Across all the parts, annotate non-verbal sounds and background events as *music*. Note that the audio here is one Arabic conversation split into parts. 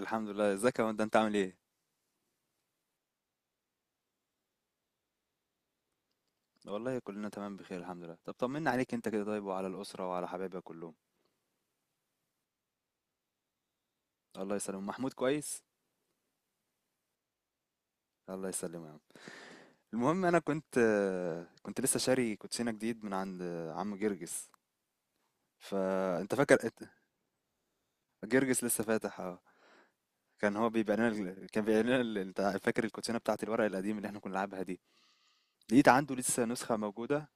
الحمد لله. ازيك يا واد انت عامل ايه؟ والله كلنا تمام بخير الحمد لله. طب طمنا عليك انت كده طيب، وعلى الاسره وعلى حبايبك كلهم. الله يسلم محمود كويس. الله يسلمه يا عم. المهم انا كنت لسه شاري كوتشينه جديد من عند عم جرجس، فانت فاكر. جرجس لسه فاتح اه. كان هو بيبيع لنا ال- كان بيبيع لنا ال- انت فاكر الكوتشينه بتاعت الورق القديم اللي احنا كنا بنلعبها دي؟ لقيت عنده لسه نسخه موجوده.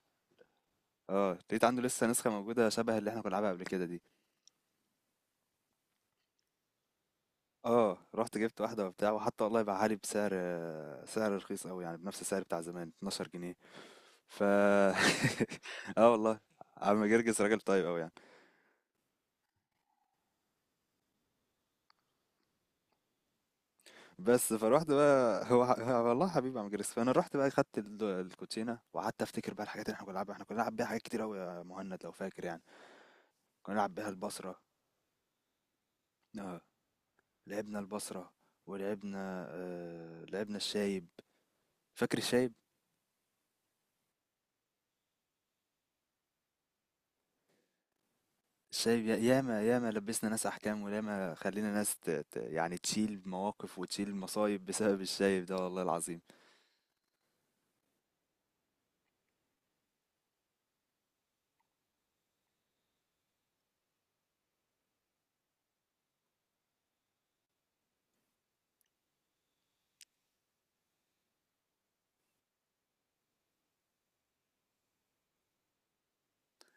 اه لقيت عنده لسه نسخه موجوده شبه اللي احنا كنا بنلعبها قبل كده دي. رُحت جِبت واحدة وبتاع، وحتى والله باعها لي بسعر، سعر رخيص أوي، يعني بنفْس السعر بتاع زمان، 12 جنيه. ف *laughs* آه والله، عم جرجس راجل طيب أوي يعني. بس فرُحت بقى، هو والله حبيب عم جرجس، فأنا رُحت بقى خدت الكوتشينة وقعدت أفتكر بقى الحاجات اللي إحنا كنا بنلعبها، إحنا كنا بنلعب بيها حاجات كتير أوي يا مهند لو فاكر يعني. كنا بنلعب بيها البصرة. آه، لعبنا البصرة، ولعبنا لعبنا الشايب. فاكر الشايب؟ شايف ياما ياما لبسنا ناس احكام، وياما خلينا ناس يعني تشيل مواقف وتشيل مصايب بسبب الشايب ده والله العظيم.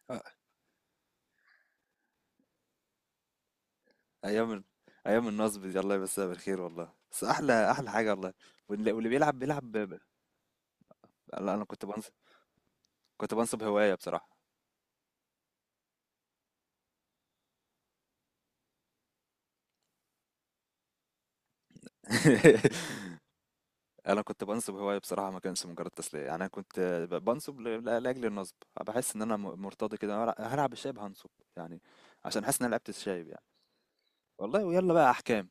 آه، ايام ال- ايام النصب دي الله يمسها بالخير والله، بس احلى احلى حاجه والله. واللي بيلعب بيلعب لا انا كنت بنصب، كنت بنصب هوايه بصراحه *laughs* انا كنت بنصب هوايه بصراحه، ما كانش مجرد تسليه، يعني انا كنت بنصب لاجل النصب. بحس ان انا مرتضي كده هلعب الشايب هنصب يعني، عشان حاسس ان انا لعبت الشايب يعني. والله ويلا بقى احكام.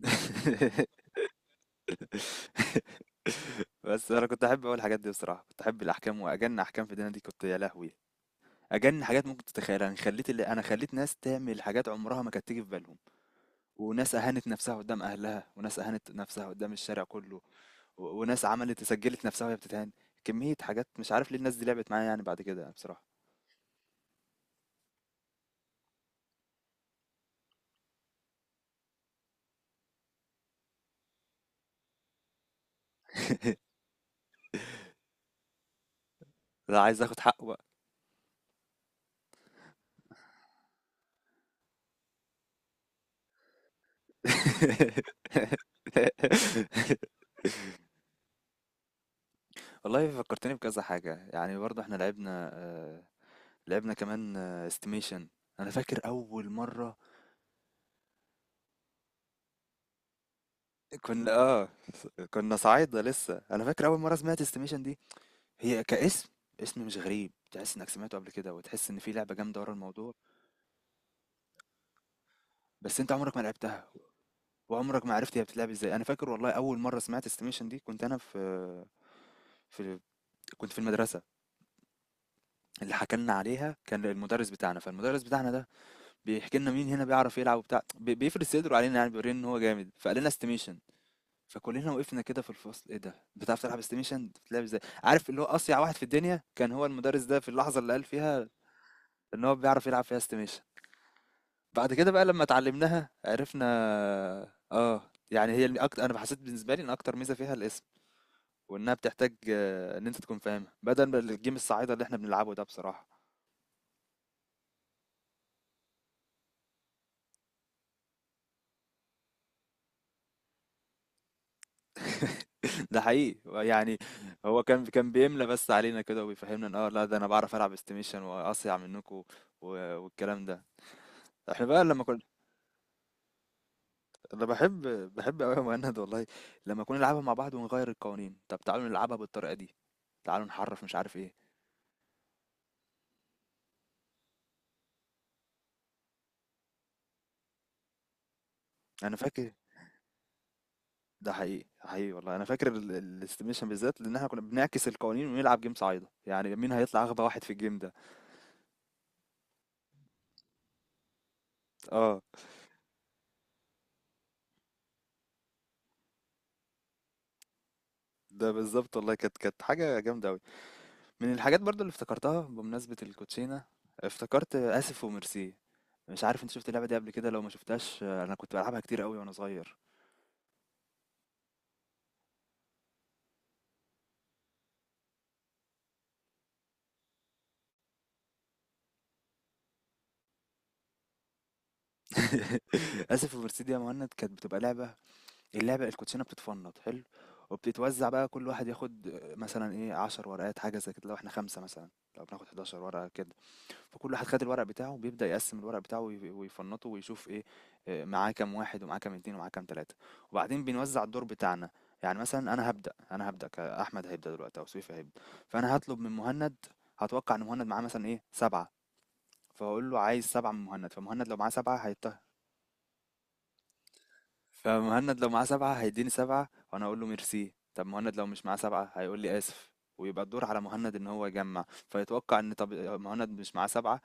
*laughs* *laughs* بس انا كنت احب اقول الحاجات دي، بصراحه كنت احب الاحكام، واجن احكام في الدنيا دي كنت يا لهوي. اجن حاجات ممكن تتخيلها انا خليت، اللي انا خليت ناس تعمل حاجات عمرها ما كانت تيجي في بالهم، وناس اهانت نفسها قدام اهلها، وناس اهانت نفسها قدام الشارع كله، وناس عملت سجلت نفسها وهي بتتهان. كميه حاجات مش عارف ليه الناس دي لعبت معايا يعني بعد كده يعني بصراحه. لا عايز اخد حقه بقى. *laughs* والله فكرتني بكذا حاجة يعني. برضه احنا لعبنا، لعبنا كمان استيميشن. انا فاكر اول مره، كنا اه كنا صعايده لسه. انا فاكر اول مره سمعت استيميشن دي، هي كاسم، اسم مش غريب، تحس انك سمعته قبل كده وتحس ان في لعبه جامده ورا الموضوع، بس انت عمرك ما لعبتها وعمرك ما عرفت هي بتتلعب ازاي. انا فاكر والله اول مره سمعت استيميشن دي كنت انا في في كنت في المدرسه. اللي حكى لنا عليها كان المدرس بتاعنا، فالمدرس بتاعنا ده بيحكي لنا مين هنا بيعرف يلعب وبتاع، بيفرد صدره علينا يعني بيورينا ان هو جامد، فقال لنا استيميشن. فكلنا وقفنا كده في الفصل ايه ده، بتعرف تلعب استيميشن، بتلعب ازاي؟ عارف اللي هو اصيع واحد في الدنيا كان هو المدرس ده في اللحظه اللي قال فيها ان هو بيعرف يلعب فيها استيميشن. بعد كده بقى لما اتعلمناها عرفنا اه، يعني هي اكتر، انا حسيت بالنسبه لي ان اكتر ميزه فيها الاسم، وانها بتحتاج ان انت تكون فاهمها بدل ما الجيم الصعيده اللي احنا بنلعبه ده بصراحه. *laughs* ده حقيقي يعني. هو كان بيملى بس علينا كده وبيفهمنا ان اه لا ده انا بعرف العب استيميشن واصيع منكم، والكلام ده. احنا بقى لما كنا انا بحب، بحب قوي يا مهند والله لما كنا نلعبها مع بعض ونغير القوانين، طب تعالوا نلعبها بالطريقه دي، تعالوا نحرف مش عارف ايه. انا فاكر، ده حقيقي حقيقي والله، انا فاكر الاستيميشن بالذات، لان احنا كنا بنعكس القوانين ونلعب جيم صعيده، يعني مين هيطلع اغبى واحد في الجيم ده. اه ده بالظبط والله، كانت كانت حاجه جامده قوي. من الحاجات برضو اللي افتكرتها بمناسبه الكوتشينه، افتكرت اسف وميرسي. مش عارف انت شفت اللعبه دي قبل كده، لو ما شفتهاش انا كنت بلعبها كتير قوي وانا صغير. *laughs* اسف وميرسي دي يا مهند كانت بتبقى لعبه، اللعبة الكوتشينة بتتفنط حلو وبتتوزع بقى، كل واحد ياخد مثلا ايه 10 ورقات حاجة زي كده لو احنا خمسة مثلا، لو بناخد 11 ورقة كده. فكل واحد خد الورق بتاعه وبيبدأ يقسم الورق بتاعه ويفنطه ويشوف ايه معاه كام واحد ومعاه كام اتنين ومعاه كام تلاتة، وبعدين بنوزع الدور بتاعنا. يعني مثلا انا هبدأ كأحمد هيبدأ دلوقتي او سويفي هيبدأ، فانا هطلب من مهند، هتوقع ان مهند معاه مثلا ايه سبعة، فاقول له عايز سبعة من مهند، فمهند لو معاه سبعة فمهند لو معاه سبعة هيديني سبعة وانا اقول له ميرسي. طب مهند لو مش معاه سبعة هيقول لي اسف، ويبقى الدور على مهند ان هو يجمع. فيتوقع ان، طب مهند مش معاه سبعة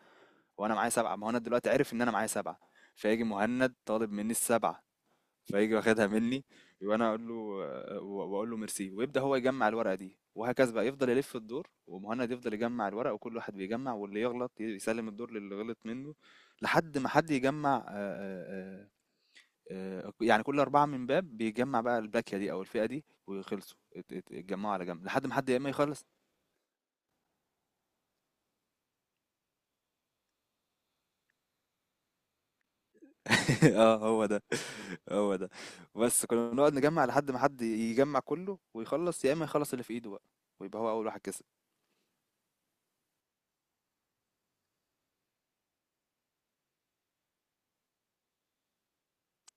وانا معايا سبعة، مهند دلوقتي عرف ان انا معايا سبعة، فيجي مهند طالب مني السبعة، فيجي واخدها مني وانا اقول له واقول له ميرسي، ويبدأ هو يجمع الورقة دي، وهكذا بقى يفضل يلف الدور، ومهند يفضل يجمع الورق وكل واحد بيجمع، واللي يغلط يسلم الدور للي غلط منه لحد ما حد يجمع، يعني كل أربعة من باب بيجمع بقى الباكية دي أو الفئة دي، ويخلصوا اتجمعوا على جنب لحد ما حد يا إما يخلص. *laughs* اه هو ده، هو ده. بس كنا بنقعد نجمع لحد ما حد يجمع كله ويخلص، يا إما يخلص اللي في إيده بقى، ويبقى هو أول واحد كسب.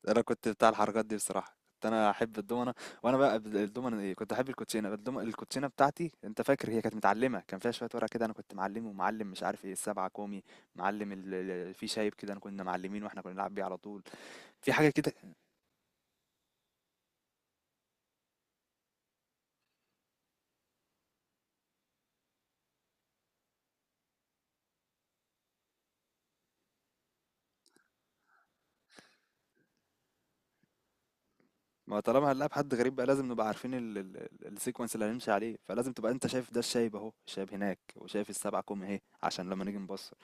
أنا كنت بتاع الحركات دي بصراحة، كنت أنا أحب الدومنة، وأنا بقى الدومنة إيه، كنت أحب الكوتشينة. الدومنة الكوتشينة بتاعتي أنت فاكر هي كانت متعلمة، كان فيها شوية ورق كده، أنا كنت معلم ومعلم مش عارف إيه السبعة كومي، معلم في شايب كده أنا، كنا معلمين وإحنا كنا بنلعب بيه على طول. في حاجة كده، ما طالما هنلاعب حد غريب بقى لازم نبقى عارفين السيكونس اللي هنمشي عليه، فلازم تبقى انت شايف ده الشايب اهو، الشايب هناك، وشايف السبعة كوم اهي، عشان لما نيجي نبصر.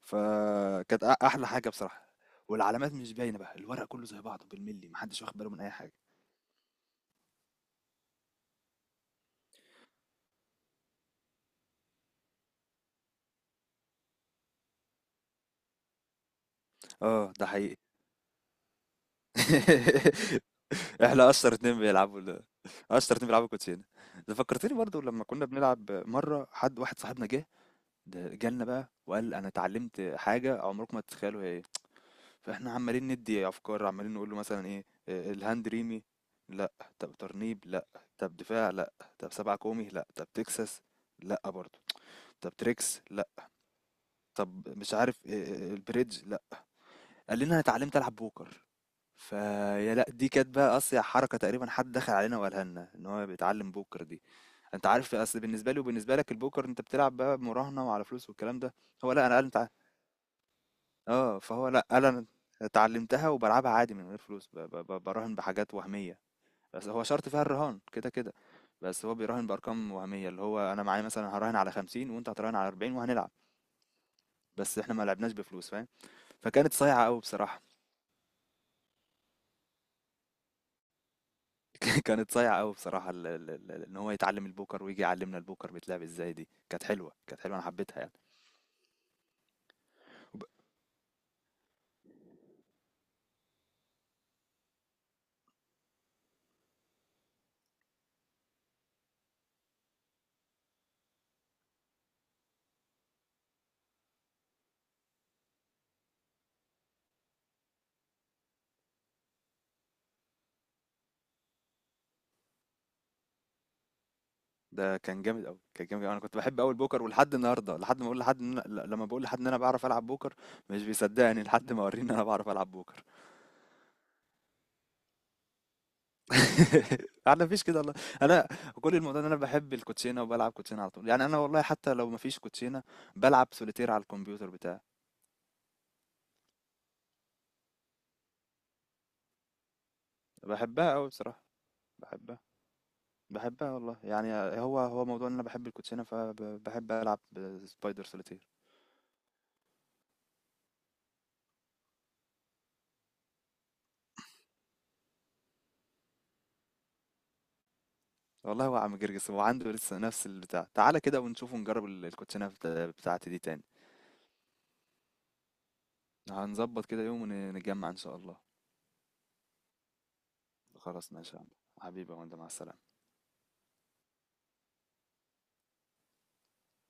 فكانت احلى حاجة بصراحة، والعلامات مش باينة بقى، الورق كله زي بعضه بالملي محدش واخد باله من اي حاجة. اه ده حقيقي. *laughs* احنا اشطر اتنين بيلعبوا *laughs* اشطر اتنين بيلعبوا كوتشينة. ده فكرتني برضو لما كنا بنلعب مرة، حد واحد صاحبنا جه، ده جالنا بقى وقال انا اتعلمت حاجة عمركم ما تتخيلوا هي، فاحنا عمالين ندي افكار عمالين نقول له مثلا ايه، الهاند ريمي لا، طب ترنيب لا، طب دفاع لا، طب سبعة كومي لا، طب تكساس لا برضه، طب تريكس لا، طب مش عارف البريدج لا. قال لنا انا اتعلمت العب بوكر. فيا لا، دي كانت بقى اصيع حركة تقريبا، حد دخل علينا وقالها لنا ان هو بيتعلم بوكر دي. انت عارف اصل بالنسبة لي وبالنسبة لك البوكر انت بتلعب بقى مراهنة وعلى فلوس والكلام ده. هو لا انا قال انت اه فهو لا قال انا اتعلمتها وبلعبها عادي من غير فلوس، براهن بحاجات وهمية، بس هو شرط فيها الرهان كده كده، بس هو بيراهن بأرقام وهمية، اللي هو انا معايا مثلا هراهن على 50 وانت هتراهن على 40 وهنلعب، بس احنا ما لعبناش بفلوس فاهم. فكانت صايعة قوي بصراحة. *laughs* كانت صايعة قوي بصراحة ان هو يتعلم البوكر ويجي يعلمنا البوكر بيتلعب ازاي، دي كانت حلوة كانت حلوة انا حبيتها يعني. ده كان جامد قوي كان جامد أوي. انا كنت بحب قوي البوكر، ولحد النهارده لحد ما اقول لحد إن أنا، لما بقول لحد ان انا بعرف العب بوكر مش بيصدقني لحد ما اوريه ان انا بعرف العب بوكر. *laughs* انا مفيش كده والله. انا كل الموضوع ان انا بحب الكوتشينه وبلعب كوتشينه على طول يعني، انا والله حتى لو مفيش كوتشينه بلعب سوليتير على الكمبيوتر بتاعي. بحبها قوي بصراحه، بحبها، بحبها والله يعني، هو هو موضوع ان انا بحب الكوتشينه فبحب العب سبايدر سوليتير. والله هو عم جرجس هو عنده لسه نفس البتاع، تعالى كده ونشوف ونجرب الكوتشينه بتاعتي دي تاني. هنظبط كده يوم ونتجمع إن شاء الله. خلاص ماشي يا عم، حبيبي يا، وانت مع السلامة.